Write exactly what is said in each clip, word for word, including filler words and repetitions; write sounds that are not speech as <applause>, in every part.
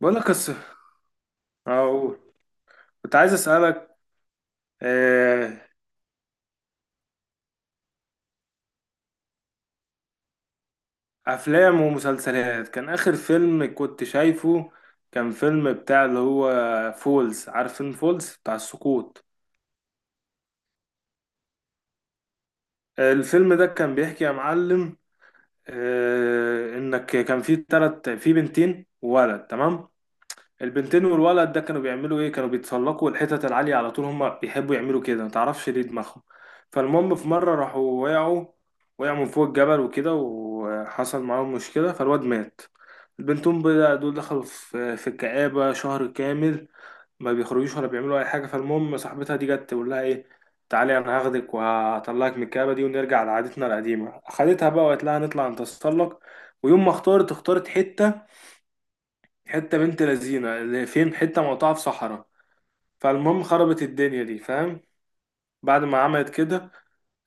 بقول لك قصة. أقول، كنت عايز أسألك. آه، أفلام ومسلسلات. كان آخر فيلم كنت شايفه كان فيلم بتاع اللي هو فولز. عارف فيلم فولز بتاع السقوط؟ آه، الفيلم ده كان بيحكي يا معلم، آه، إنك كان في تلت في بنتين وولد، تمام. البنتين والولد ده كانوا بيعملوا ايه؟ كانوا بيتسلقوا الحتت العالية على طول، هما بيحبوا يعملوا كده، متعرفش ليه دماغهم. فالمهم في مرة راحوا وقعوا، وقعوا من فوق الجبل وكده، وحصل معاهم مشكلة، فالواد مات. البنتين بقى دول دخلوا في في الكآبة شهر كامل، ما بيخرجوش ولا بيعملوا أي حاجة. فالمهم صاحبتها دي جت تقول لها ايه: تعالي أنا هاخدك وهطلعك من الكآبة دي ونرجع لعادتنا القديمة. أخدتها بقى وقالت لها نطلع نتسلق. ويوم ما اختارت، اختارت حتة حته بنت لذينه اللي فين، حته مقطعه في صحراء. فالمهم خربت الدنيا دي، فاهم؟ بعد ما عملت كده،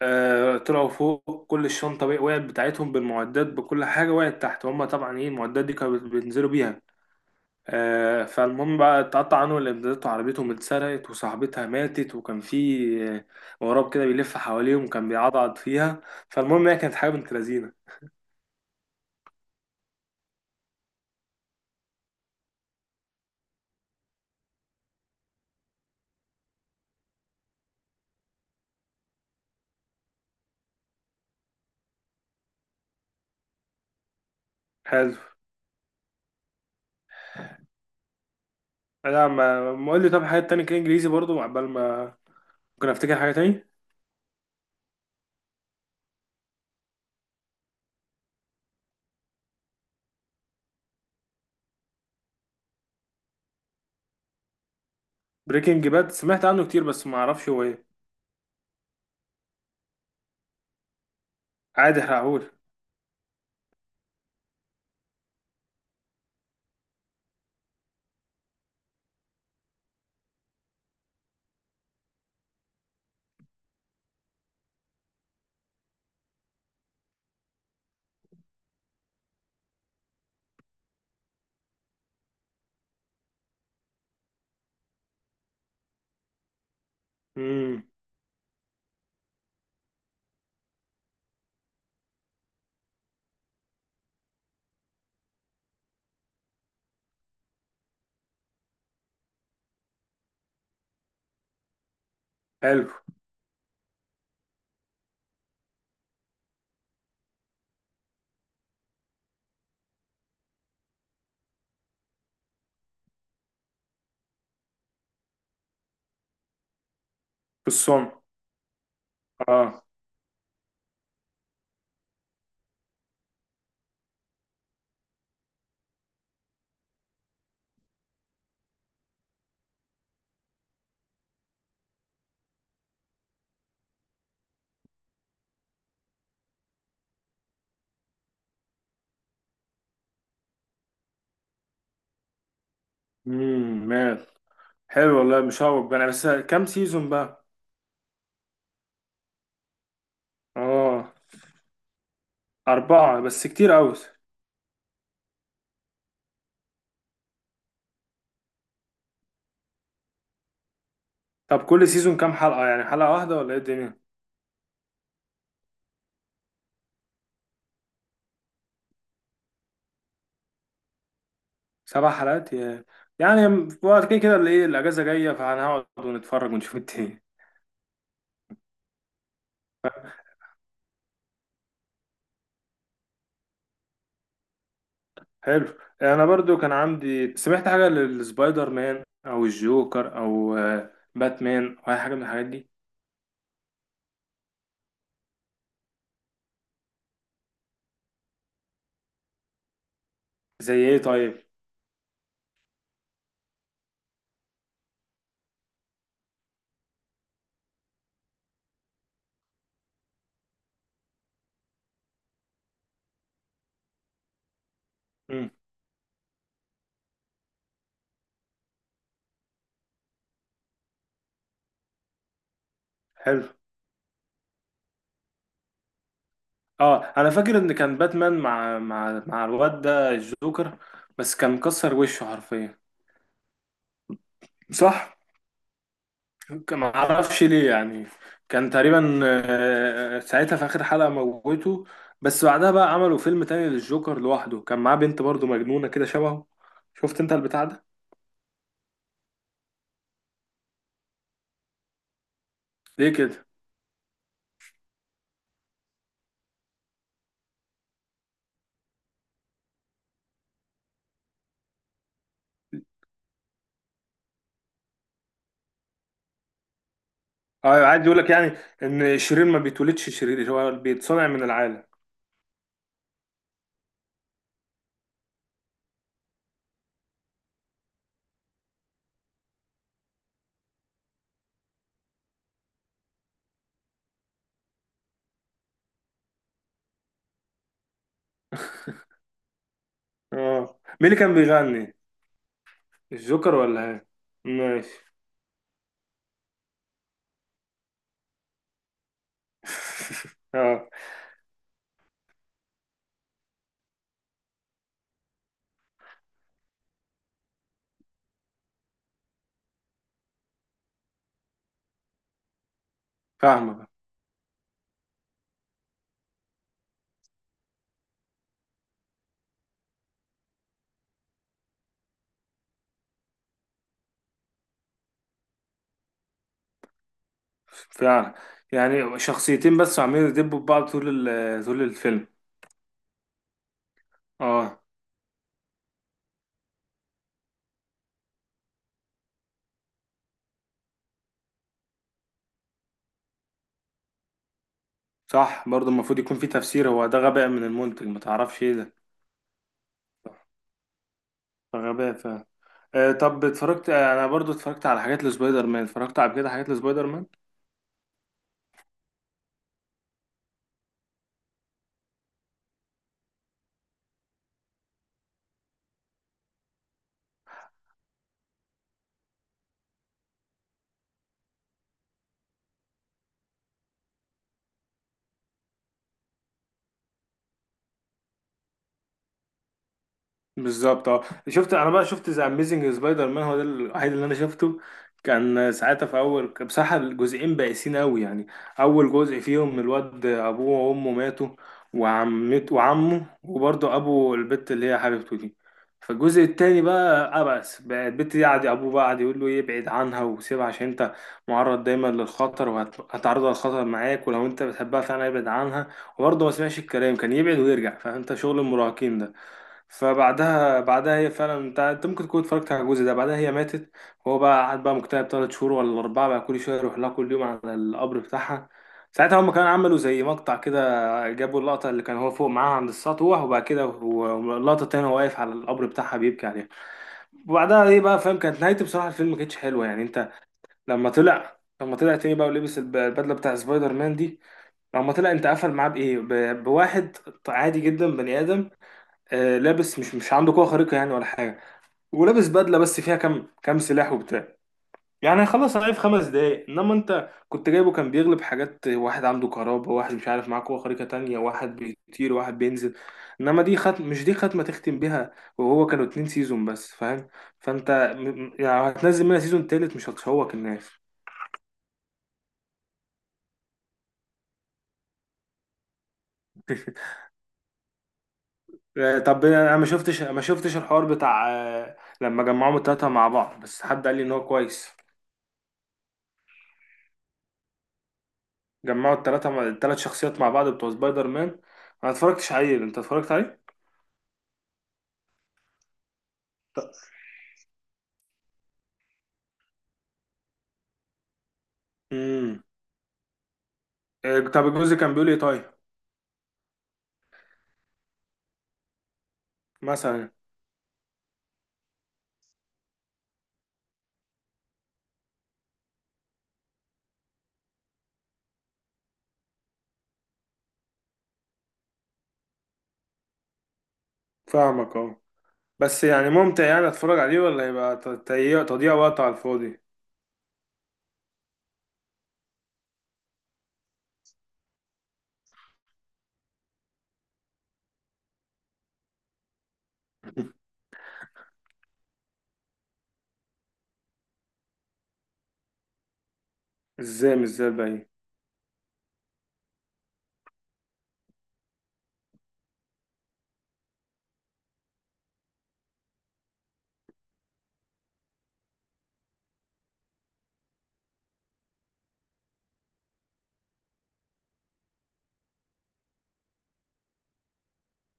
آه، طلعوا فوق، كل الشنطه وق- وقعت بتاعتهم، بالمعدات بكل حاجه وقعت تحت، هما طبعا ايه المعدات دي كانوا بينزلوا بيها. آه، فالمهم بقى اتقطع عنهم الامدادات وعربيتهم اتسرقت وصاحبتها ماتت، وكان في آه، غراب كده بيلف حواليهم، كان بيعضعض فيها. فالمهم هي كانت حاجه بنت لذينه. حلو. لا، ما ما قول لي. طب حاجه تانية كده انجليزي برضو، عقبال ما ممكن افتكر حاجه تاني. بريكنج باد؟ سمعت عنه كتير بس ما اعرفش هو ايه. عادي، هقول. امم. حلو. في الصنع. اه. امم مال. حلو والله. مش هقول انا، بس كام سيزون بقى؟ اه. أربعة بس كتير قوي. طب كل سيزون كام حلقة يعني؟ حلقة واحدة ولا ايه الدنيا؟ سبع حلقات؟ يا يعني في وقت، كده كده اللي ايه الأجازة جاية، فهنقعد ونتفرج ونشوف التاني. حلو. أنا برضو كان عندي، سمعت حاجة للسبايدر مان أو الجوكر أو آه، باتمان أو أي حاجة من الحاجات دي. زي ايه طيب؟ حلو. اه، انا فاكر ان كان باتمان مع مع مع الواد ده الجوكر. بس كان مكسر وشه حرفيا. صح. ما اعرفش ليه يعني. كان تقريبا آه، ساعتها في اخر حلقة موته. بس بعدها بقى عملوا فيلم تاني للجوكر لوحده، كان معاه بنت برضه مجنونة كده شبهه. شفت انت البتاع ده؟ ليه كده؟ اه، عادي يقول لك يعني ان الشرير ما بيتولدش شرير، هو بيتصنع من العالم. اه، مين اللي كان بيغني؟ الجوكر ولا ايه؟ ماشي. <laughs> اه. فاهمك. فعلا، يعني شخصيتين بس عمالين يدبوا في بعض طول ال- طول الفيلم. اه. صح، برضه المفروض يكون في تفسير. هو ده غباء من المنتج، ما تعرفش ايه ده. ده غباء فعلا. آه طب اتفرجت. آه، انا برضه اتفرجت على حاجات لسبايدر مان، اتفرجت على كده حاجات لسبايدر مان. بالظبط. اه، شفت انا بقى، شفت ذا اميزنج سبايدر مان، هو ده الوحيد اللي انا شفته. كان ساعتها في اول، كان بصراحه الجزئين بائسين قوي يعني. اول جزء فيهم الواد ابوه وامه ماتوا، وعمته وعمه، وبرضه ابو البت اللي هي حبيبته دي. فالجزء التاني بقى عبس بقى، البت دي قعد ابوه بقى قعد يقول له يبعد عنها وسيبها عشان انت معرض دايما للخطر وهتعرضها للخطر معاك، ولو انت بتحبها فعلا ابعد عنها. وبرضه ما سمعش الكلام، كان يبعد ويرجع، فانت شغل المراهقين ده. فبعدها، بعدها هي فعلا، انت انت ممكن تكون اتفرجت على الجزء ده، بعدها هي ماتت. وهو بقى قعد بقى مكتئب تلات شهور ولا أربعة بقى، كل شويه يروح لها كل يوم على القبر بتاعها. ساعتها هم كانوا عملوا زي مقطع كده، جابوا اللقطه اللي كان هو فوق معاها عند السطوح، وبعد كده هو- اللقطه التانيه هو واقف على القبر بتاعها بيبكي عليها. وبعدها ايه بقى، فاهم، كانت نهايته بصراحه الفيلم ما كانتش حلوه يعني. انت لما طلع لما طلع تاني بقى ولبس الب- البدله بتاع سبايدر مان دي، لما طلع انت قفل معاه بايه، ب- بواحد عادي جدا بني ادم، آه، لابس، مش مش عنده قوة خارقة يعني ولا حاجة. ولابس بدلة بس فيها كام كام سلاح وبتاع. يعني هيخلص عليه في خمس دقايق، انما انت كنت جايبه كان بيغلب حاجات، واحد عنده كهرباء، واحد مش عارف معاه قوة خارقة تانية، واحد بيطير، واحد بينزل. انما دي خط، مش دي ختمة تختم بيها. وهو كانوا اتنين سيزون بس، فاهم. فانت م- م- يعني هتنزل منها سيزون تالت، مش هتشوك الناس. <laughs> آه، طب انا ما شفتش ما شفتش الحوار بتاع، آه، لما جمعوهم التلاتة مع بعض. بس حد قال لي ان هو كويس. جمعوا التلاتة مع... التلات شخصيات مع بعض بتوع سبايدر مان. انا ما اتفرجتش عليه، انت اتفرجت عليه؟ امم. إيه، طب الجزء كان بيقول ايه طيب؟ مثلا. فاهمك. اه. بس يعني ممتع يعني، اتفرج عليه ولا يبقى ت- تضييع تضييع وقت على الفاضي؟ <laughs> ازاي مش زي الباقيين؟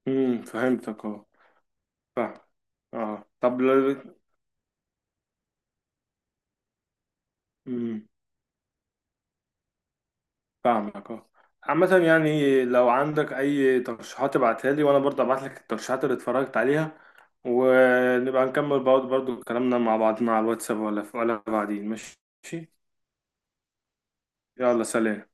امم، فهمتك. اه. فاهم. اه، طب. امم. فاهمك. اه. عامة يعني، لو عندك أي ترشيحات ابعتها لي وأنا برضه أبعت لك الترشيحات اللي اتفرجت عليها، ونبقى نكمل برضه برضه كلامنا مع بعضنا على الواتساب ولا ولا بعدين، ماشي؟ يلا، سلام.